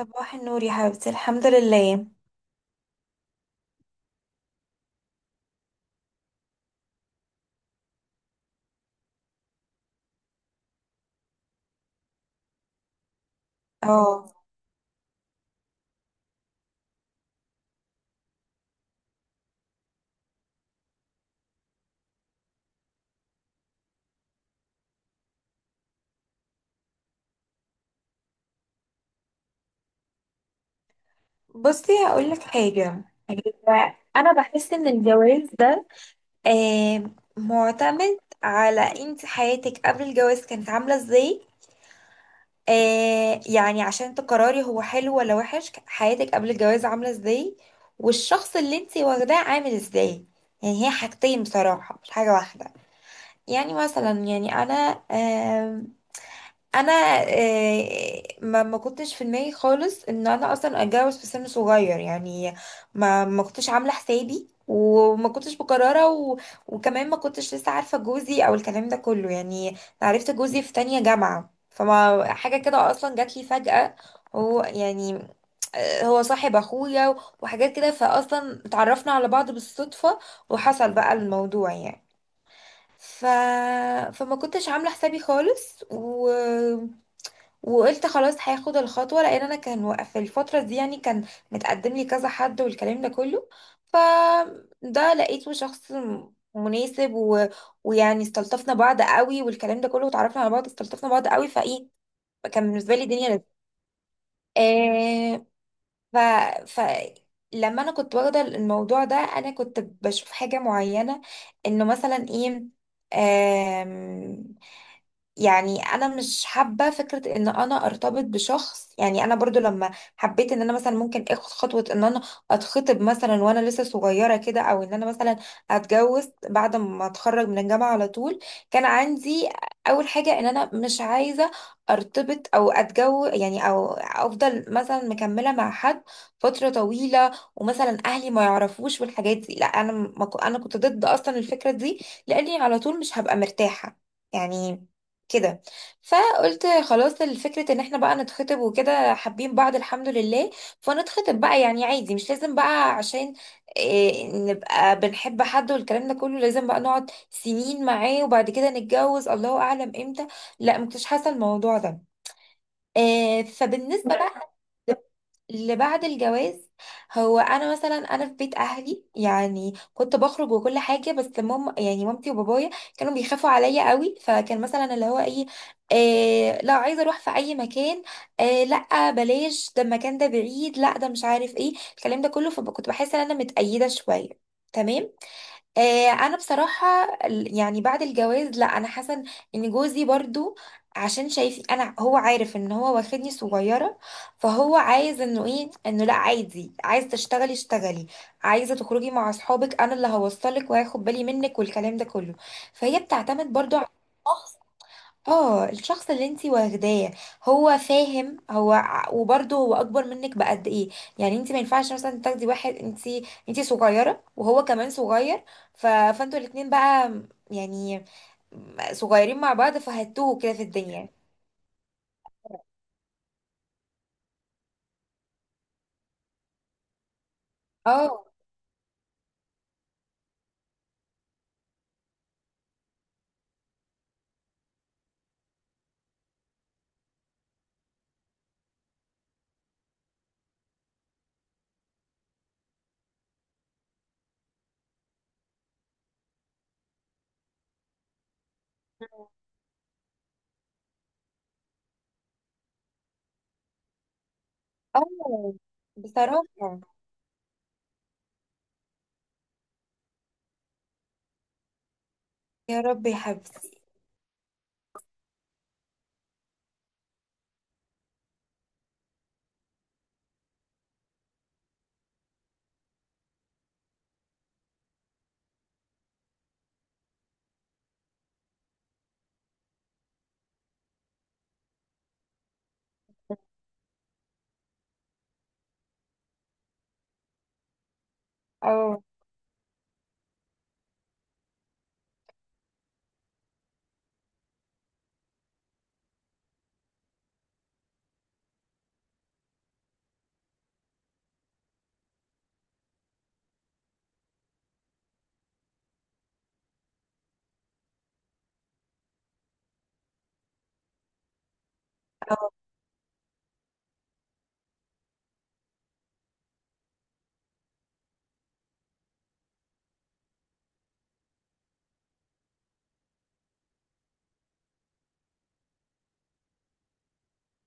صباح النور يا حبيبتي، الحمد لله. اه، بصي هقول لك حاجه. انا بحس ان الجواز ده آه معتمد على انت حياتك قبل الجواز كانت عامله ازاي. آه يعني عشان تقرري هو حلو ولا وحش، حياتك قبل الجواز عامله ازاي، والشخص اللي انت واخداه عامل ازاي. يعني هي حاجتين بصراحه مش حاجه واحده. يعني مثلا يعني انا، آم، انا ما كنتش في دماغي خالص ان انا اصلا اتجوز في سن صغير يعني. ما كنتش عامله حسابي وما كنتش مقرره وكمان ما كنتش لسه عارفه جوزي او الكلام ده كله يعني. عرفت جوزي في تانية جامعه فما حاجه كده اصلا جات لي فجأة. هو يعني هو صاحب اخويا وحاجات كده فاصلا اتعرفنا على بعض بالصدفه، وحصل بقى الموضوع يعني. ف... فما كنتش عامله حسابي خالص وقلت خلاص هاخد الخطوه، لان انا كان في الفتره دي يعني كان متقدم لي كذا حد والكلام ده كله. فده لقيته شخص مناسب ويعني استلطفنا بعض قوي والكلام ده كله، وتعرفنا على بعض استلطفنا بعض قوي فايه كان بالنسبه لي دنيا لذيذه. آه... ف... ف... لما انا كنت واخده الموضوع ده انا كنت بشوف حاجه معينه، انه مثلا ايه. يعني انا مش حابه فكره ان انا ارتبط بشخص، يعني انا برضو لما حبيت ان انا مثلا ممكن اخد خطوه ان انا اتخطب مثلا وانا لسه صغيره كده، او ان انا مثلا اتجوز بعد ما اتخرج من الجامعه على طول. كان عندي اول حاجه ان انا مش عايزه ارتبط او اتجوز يعني، او افضل مثلا مكمله مع حد فتره طويله ومثلا اهلي ما يعرفوش والحاجات دي. لا انا ما كو- انا كنت ضد اصلا الفكره دي لاني على طول مش هبقى مرتاحه يعني كده. فقلت خلاص الفكرة ان احنا بقى نتخطب وكده حابين بعض الحمد لله. فنتخطب بقى يعني عادي، مش لازم بقى عشان إيه نبقى بنحب حد والكلام ده كله لازم بقى نقعد سنين معاه وبعد كده نتجوز الله اعلم امتى. لا مكنتش حاسة الموضوع ده. إيه، فبالنسبة بقى اللي بعد الجواز، هو انا مثلا انا في بيت اهلي يعني كنت بخرج وكل حاجه، بس ماما يعني مامتي وبابايا كانوا بيخافوا عليا قوي، فكان مثلا اللي هو ايه، آه لا عايزه اروح في اي مكان، آه لا بلاش ده المكان ده بعيد، لا ده مش عارف ايه الكلام ده كله. فكنت بحس ان انا متقيده شويه. تمام. آه، انا بصراحه يعني بعد الجواز لا انا حاسه ان جوزي برضو عشان شايف انا، هو عارف ان هو واخدني صغيره، فهو عايز انه ايه انه لا عادي، عايز تشتغلي اشتغلي، عايزه تخرجي مع اصحابك انا اللي هوصلك وهاخد بالي منك والكلام ده كله. فهي بتعتمد برضو على اه الشخص اللي انتي واخداه. هو فاهم هو وبرضه هو اكبر منك بقد ايه. يعني انتي ما ينفعش مثلا تاخدي واحد، انتي صغيره وهو كمان صغير. فانتوا الاتنين بقى يعني صغيرين مع بعض فهتوه كده في الدنيا. اه. اه بصراحه. يا رب يا حبيبتي. اه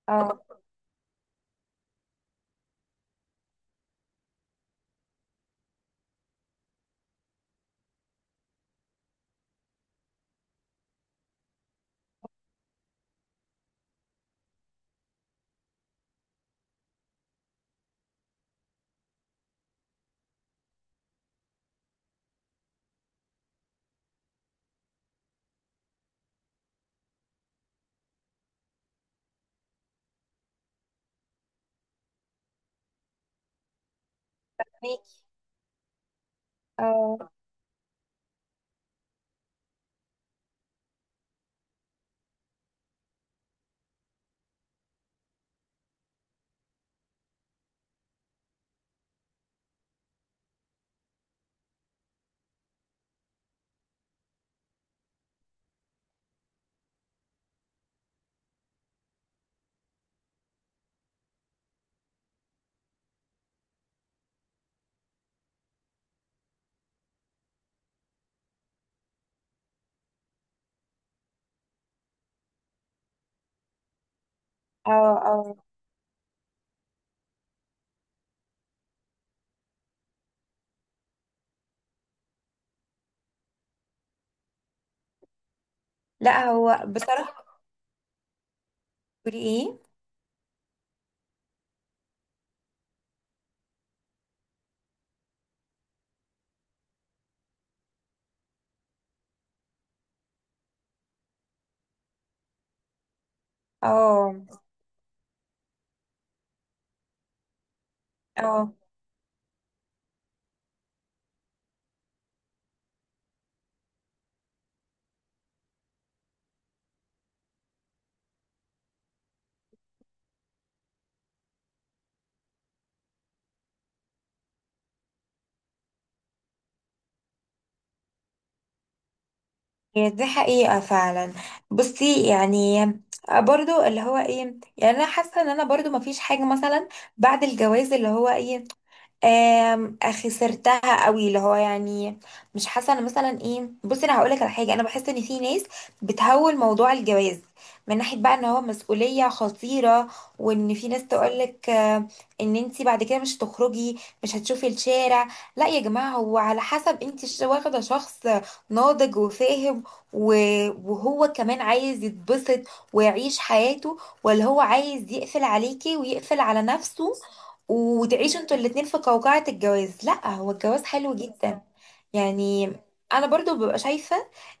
اه ميكي. اه. اه اه لا هو بصراحه بتقولي ايه. اه اه هي دي حقيقة فعلا. بصي يعني، آه، برضو اللي هو ايه، يعني انا حاسة ان انا برضو مفيش حاجة مثلا بعد الجواز اللي هو ايه، خسرتها قوي اللي هو يعني، مش حاسه انا مثلا ايه. بصي انا هقول لك على حاجه. انا بحس ان في ناس بتهول موضوع الجواز من ناحيه بقى ان هو مسؤوليه خطيره، وان في ناس تقول لك ان انت بعد كده مش هتخرجي مش هتشوفي الشارع. لا يا جماعه، هو على حسب انت واخده شخص ناضج وفاهم، وهو كمان عايز يتبسط ويعيش حياته، ولا هو عايز يقفل عليكي ويقفل على نفسه وتعيشوا انتوا الاتنين في قوقعة الجواز. لا، هو الجواز حلو جدا يعني. انا برضو ببقى شايفة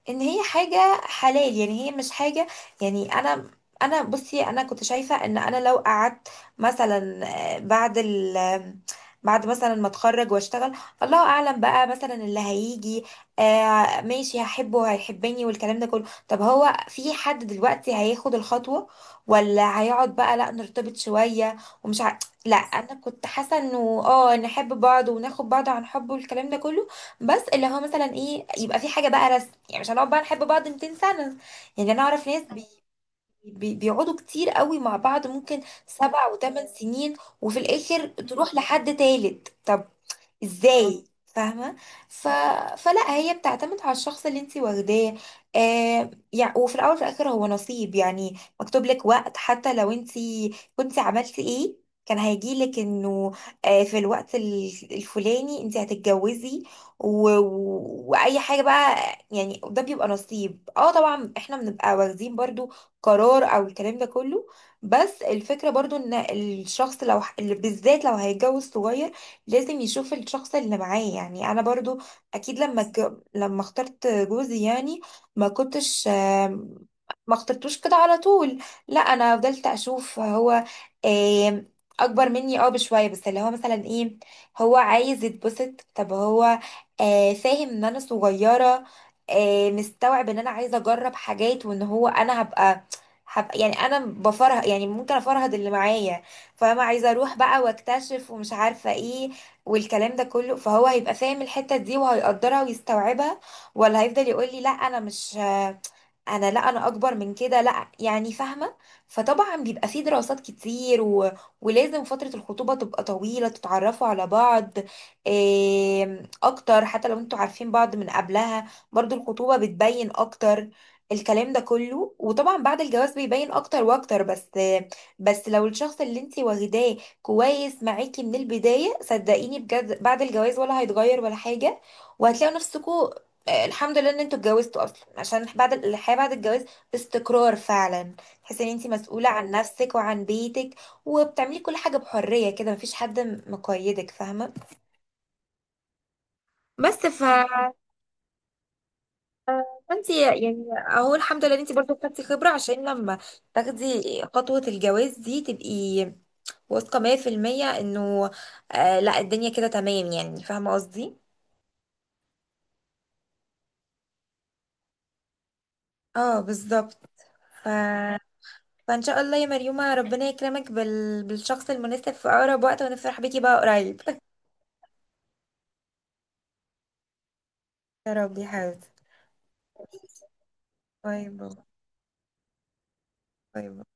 ان هي حاجة حلال، يعني هي مش حاجة يعني. انا بصي انا كنت شايفة ان انا لو قعدت مثلا بعد بعد مثلا ما اتخرج واشتغل الله اعلم بقى مثلا اللي هيجي، آه ماشي هحبه وهيحبني والكلام ده كله. طب هو في حد دلوقتي هياخد الخطوة، ولا هيقعد بقى لا نرتبط شوية ومش ع... لا انا كنت حاسة انه اه نحب بعض وناخد بعض عن حب والكلام ده كله. بس اللي هو مثلا ايه يبقى في حاجه بقى رسم، يعني مش هنقعد بقى نحب بعض 200 سنه. يعني انا اعرف ناس بي بي بيقعدوا كتير قوي مع بعض، ممكن سبع وثمان سنين، وفي الاخر تروح لحد تالت. طب ازاي فاهمه. ف... فلا هي بتعتمد على الشخص اللي انت واخداه. آه يعني وفي الاول وفي الاخر هو نصيب، يعني مكتوب لك وقت، حتى لو انت كنت عملتي ايه كان هيجي لك انه آه في الوقت الفلاني انت هتتجوزي، واي حاجه بقى يعني. ده بيبقى نصيب. اه طبعا احنا بنبقى واخدين برضو قرار او الكلام ده كله، بس الفكره برضو ان الشخص لو اللي بالذات لو هيتجوز صغير لازم يشوف الشخص اللي معاه. يعني انا برضو اكيد لما لما اخترت جوزي يعني ما كنتش ما اخترتوش كده على طول. لا انا فضلت اشوف هو آم، اكبر مني اه بشويه. بس اللي هو مثلا ايه، هو عايز يتبسط. طب هو آه، فاهم ان انا صغيره، آه، مستوعب ان انا عايزه اجرب حاجات، وان هو انا هبقى يعني انا بفرهد، يعني ممكن افرهد اللي معايا فاهمة، عايزة اروح بقى واكتشف ومش عارفة ايه والكلام ده كله. فهو هيبقى فاهم الحتة دي وهيقدرها ويستوعبها، ولا هيفضل يقول لي لا انا مش انا لا انا اكبر من كده لا يعني فاهمة. فطبعا بيبقى فيه دراسات كتير ولازم فترة الخطوبة تبقى طويلة تتعرفوا على بعض إيه اكتر، حتى لو انتوا عارفين بعض من قبلها برضو الخطوبة بتبين اكتر الكلام ده كله. وطبعا بعد الجواز بيبين اكتر واكتر. بس لو الشخص اللي انتي واخداه كويس معاكي من البداية صدقيني بجد بعد الجواز ولا هيتغير ولا حاجة، وهتلاقوا نفسكوا آه، الحمد لله ان انتوا اتجوزتوا اصلا، عشان بعد الحياة بعد الجواز استقرار فعلا، تحسي ان انت مسؤولة عن نفسك وعن بيتك وبتعملي كل حاجة بحرية كده مفيش حد مقيدك فاهمة. بس، فانت يعني اهو الحمد لله ان انت برضه خدتي خبرة عشان لما تاخدي خطوة الجواز دي تبقي واثقة 100% انه آه لا الدنيا كده تمام يعني فاهمة قصدي. اه بالظبط. ف... فان شاء الله يا مريومة ربنا يكرمك بالشخص المناسب في اقرب وقت ونفرح بيكي بقى قريب. يا رب يا حبيبتي. باي باي. باي باي.